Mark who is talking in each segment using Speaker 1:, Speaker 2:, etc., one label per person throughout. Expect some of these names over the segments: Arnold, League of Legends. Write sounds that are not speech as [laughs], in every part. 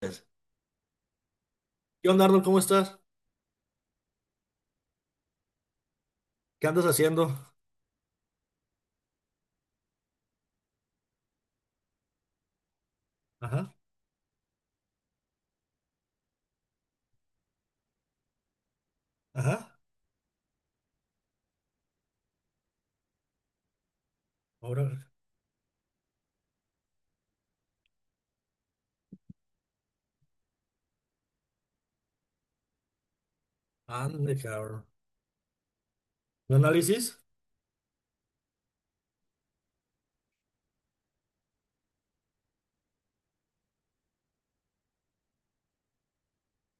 Speaker 1: ¿Qué onda, Arnold? ¿Cómo estás? ¿Qué andas haciendo? Ajá, ajá. Ahora, ande, cabrón. ¿Un análisis?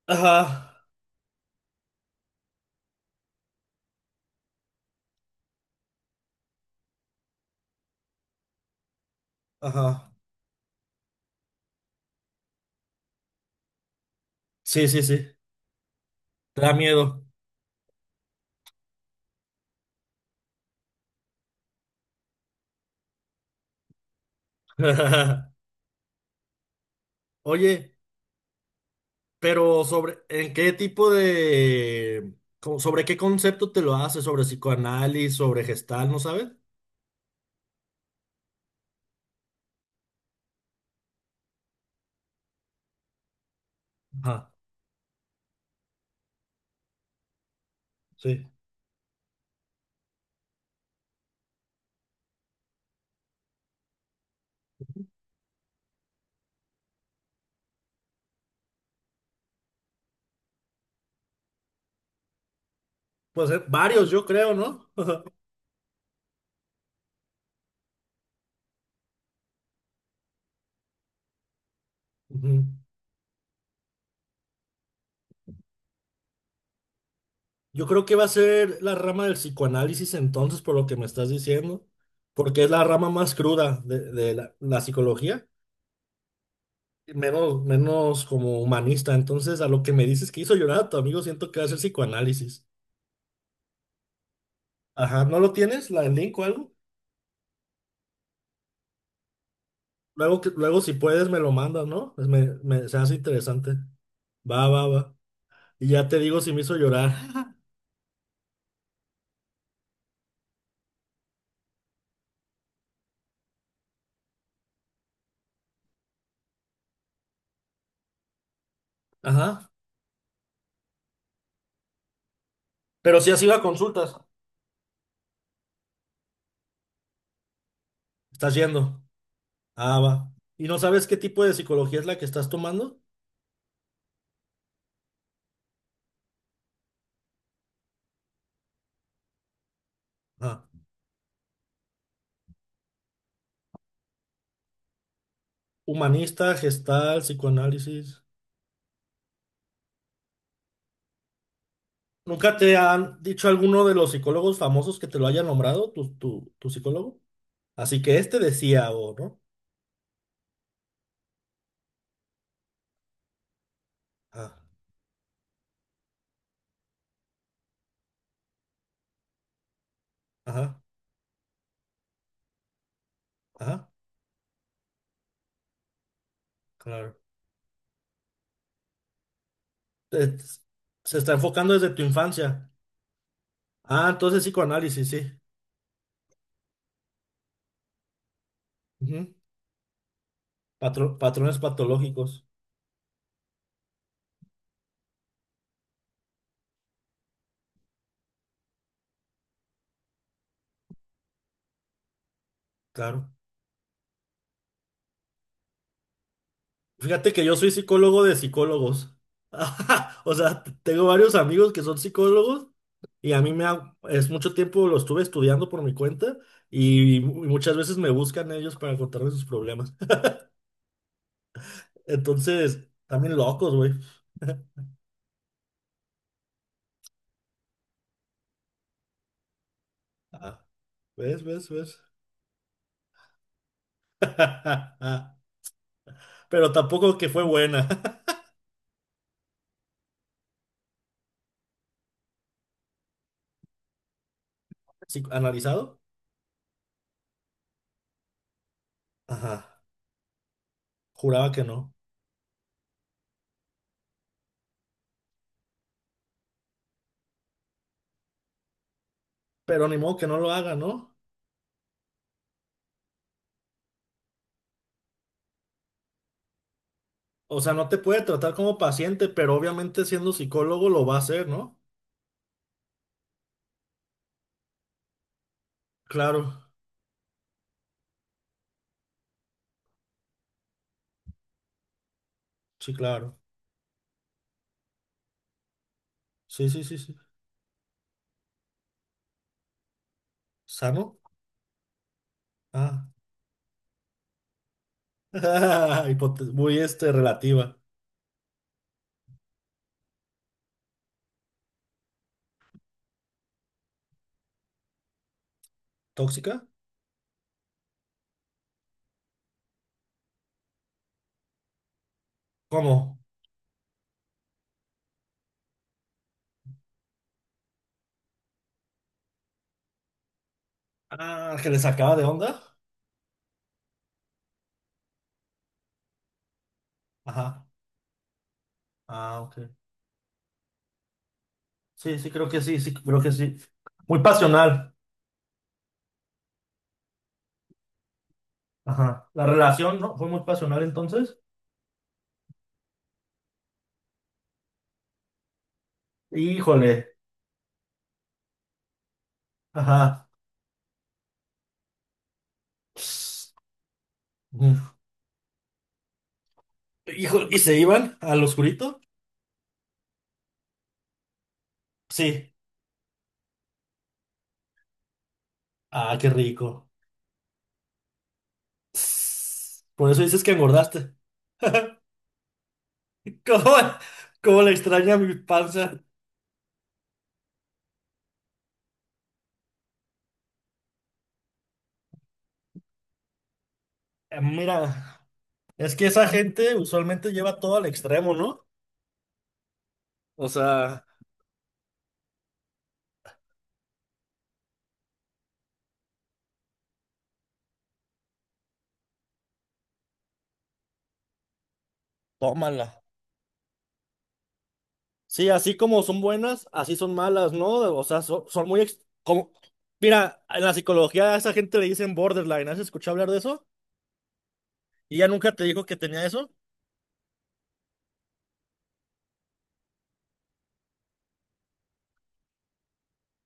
Speaker 1: Ajá, ajá. Sí, sí, sí. Te da miedo. [laughs] Oye, pero sobre, ¿en qué tipo de, sobre qué concepto te lo haces? ¿Sobre psicoanálisis? ¿Sobre gestal? ¿No sabes? Ajá, sí. Pues varios, yo creo, ¿no? [laughs] Ujú. Yo creo que va a ser la rama del psicoanálisis entonces, por lo que me estás diciendo, porque es la rama más cruda de la psicología, menos, menos como humanista. Entonces, a lo que me dices que hizo llorar a tu amigo, siento que va a ser psicoanálisis. Ajá, ¿no lo tienes? ¿La, el link o algo? Luego, luego si puedes, me lo mandas, ¿no? Pues se hace interesante. Va, va, va. Y ya te digo si me hizo llorar. [laughs] Ajá. Pero si has ido a consultas, estás yendo. Ah, va. ¿Y no sabes qué tipo de psicología es la que estás tomando? Ah. Humanista, gestal, psicoanálisis. ¿Nunca te han dicho alguno de los psicólogos famosos que te lo haya nombrado, tu psicólogo? Así que este decía, o no. Ah, ajá, ajá, claro. Te- Se está enfocando desde tu infancia. Ah, entonces psicoanálisis, sí. Ujú. Patrones patológicos, claro. Fíjate que yo soy psicólogo de psicólogos. [laughs] O sea, tengo varios amigos que son psicólogos. Y a mí me ha- es mucho tiempo lo estuve estudiando por mi cuenta, y muchas veces me buscan ellos para contarme sus problemas. [laughs] Entonces, también locos, güey. Ah, ¿ves, ves, ves? [laughs] Pero tampoco que fue buena. [laughs] Sí, ¿analizado? Ajá. Juraba que no. Pero ni modo que no lo haga, ¿no? O sea, no te puede tratar como paciente, pero obviamente siendo psicólogo lo va a hacer, ¿no? Claro, sí, claro. Sí, sí, sí, sí. ¿Sano? Ah. [laughs] Muy este, relativa. ¿Tóxica? ¿Cómo? Ah, que le sacaba de onda. Ajá. Ah, ok. Sí, sí, creo que sí, sí, creo que sí. Muy pasional. Ajá. La relación, ¿no? Fue muy pasional entonces. Híjole. Ajá. Mm. Híjole, ¿y se iban al oscurito? Sí. Ah, qué rico. Por eso dices que engordaste. [laughs] ¿Cómo, cómo le extraña mi panza? Mira, es que esa gente usualmente lleva todo al extremo, ¿no? O sea, tómala. Sí, así como son buenas, así son malas, ¿no? O sea, son, muy... Como... Mira, en la psicología a esa gente le dicen borderline. ¿Has escuchado hablar de eso? ¿Y ya nunca te dijo que tenía eso?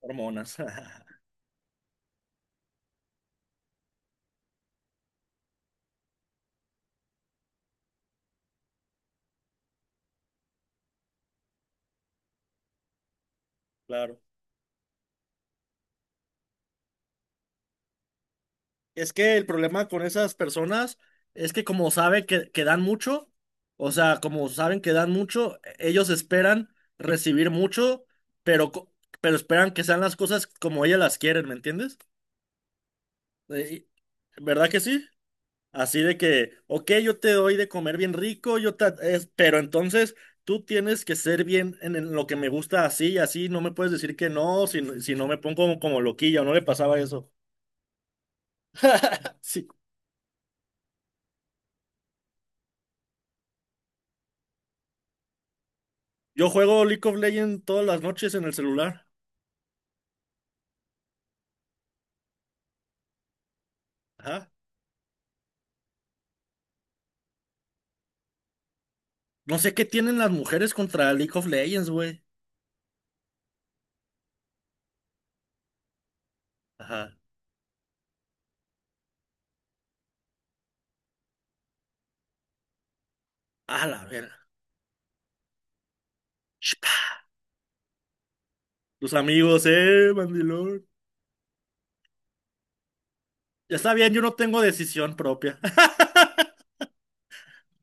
Speaker 1: Hormonas, [laughs] claro. Es que el problema con esas personas es que como sabe que dan mucho, o sea, como saben que dan mucho, ellos esperan recibir mucho, pero, pero esperan que sean las cosas como ellas las quieren, ¿me entiendes? Eh, y- ¿Verdad que sí? Así de que, ok, yo te doy de comer bien rico, pero entonces tú tienes que ser bien en lo que me gusta así y así, no me puedes decir que no, si, si no me pongo como, como loquilla, no le pasaba eso. [laughs] Sí. Yo juego League of Legends todas las noches en el celular. Ajá. No sé qué tienen las mujeres contra League of Legends, güey. Ajá. A la verga. [sniffs] Tus amigos, mandilón. Ya está bien, yo no tengo decisión propia. [laughs]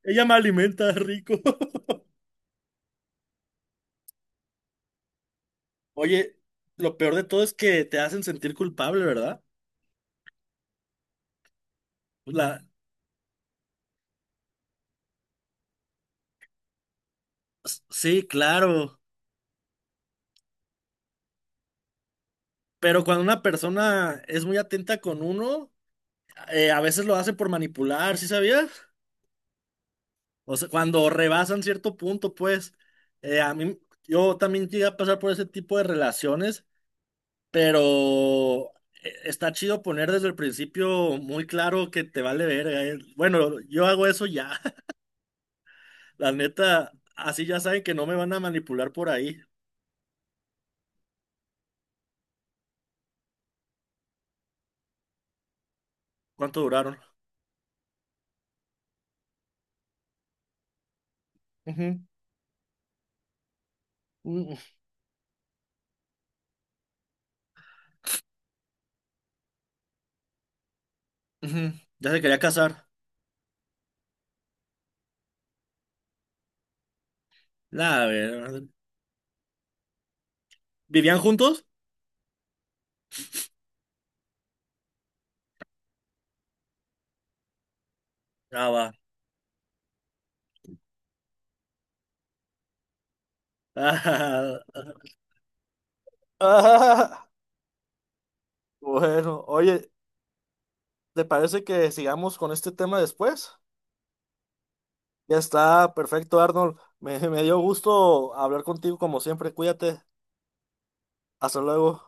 Speaker 1: Ella me alimenta rico. [laughs] Oye, lo peor de todo es que te hacen sentir culpable, ¿verdad? La... Sí, claro. Pero cuando una persona es muy atenta con uno, a veces lo hace por manipular, ¿sí sabías? O sea, cuando rebasan cierto punto, pues, a mí, yo también llegué a pasar por ese tipo de relaciones, pero está chido poner desde el principio muy claro que te vale verga. Bueno, yo hago eso ya. [laughs] La neta, así ya saben que no me van a manipular por ahí. ¿Cuánto duraron? Ujú, u- ujú. Ya se quería casar. Nah, a ver. ¿Vivían juntos? Ah, va. Ah, [laughs] ah, bueno, oye, ¿te parece que sigamos con este tema después? Ya está, perfecto, Arnold. Me dio gusto hablar contigo como siempre. Cuídate. Hasta luego.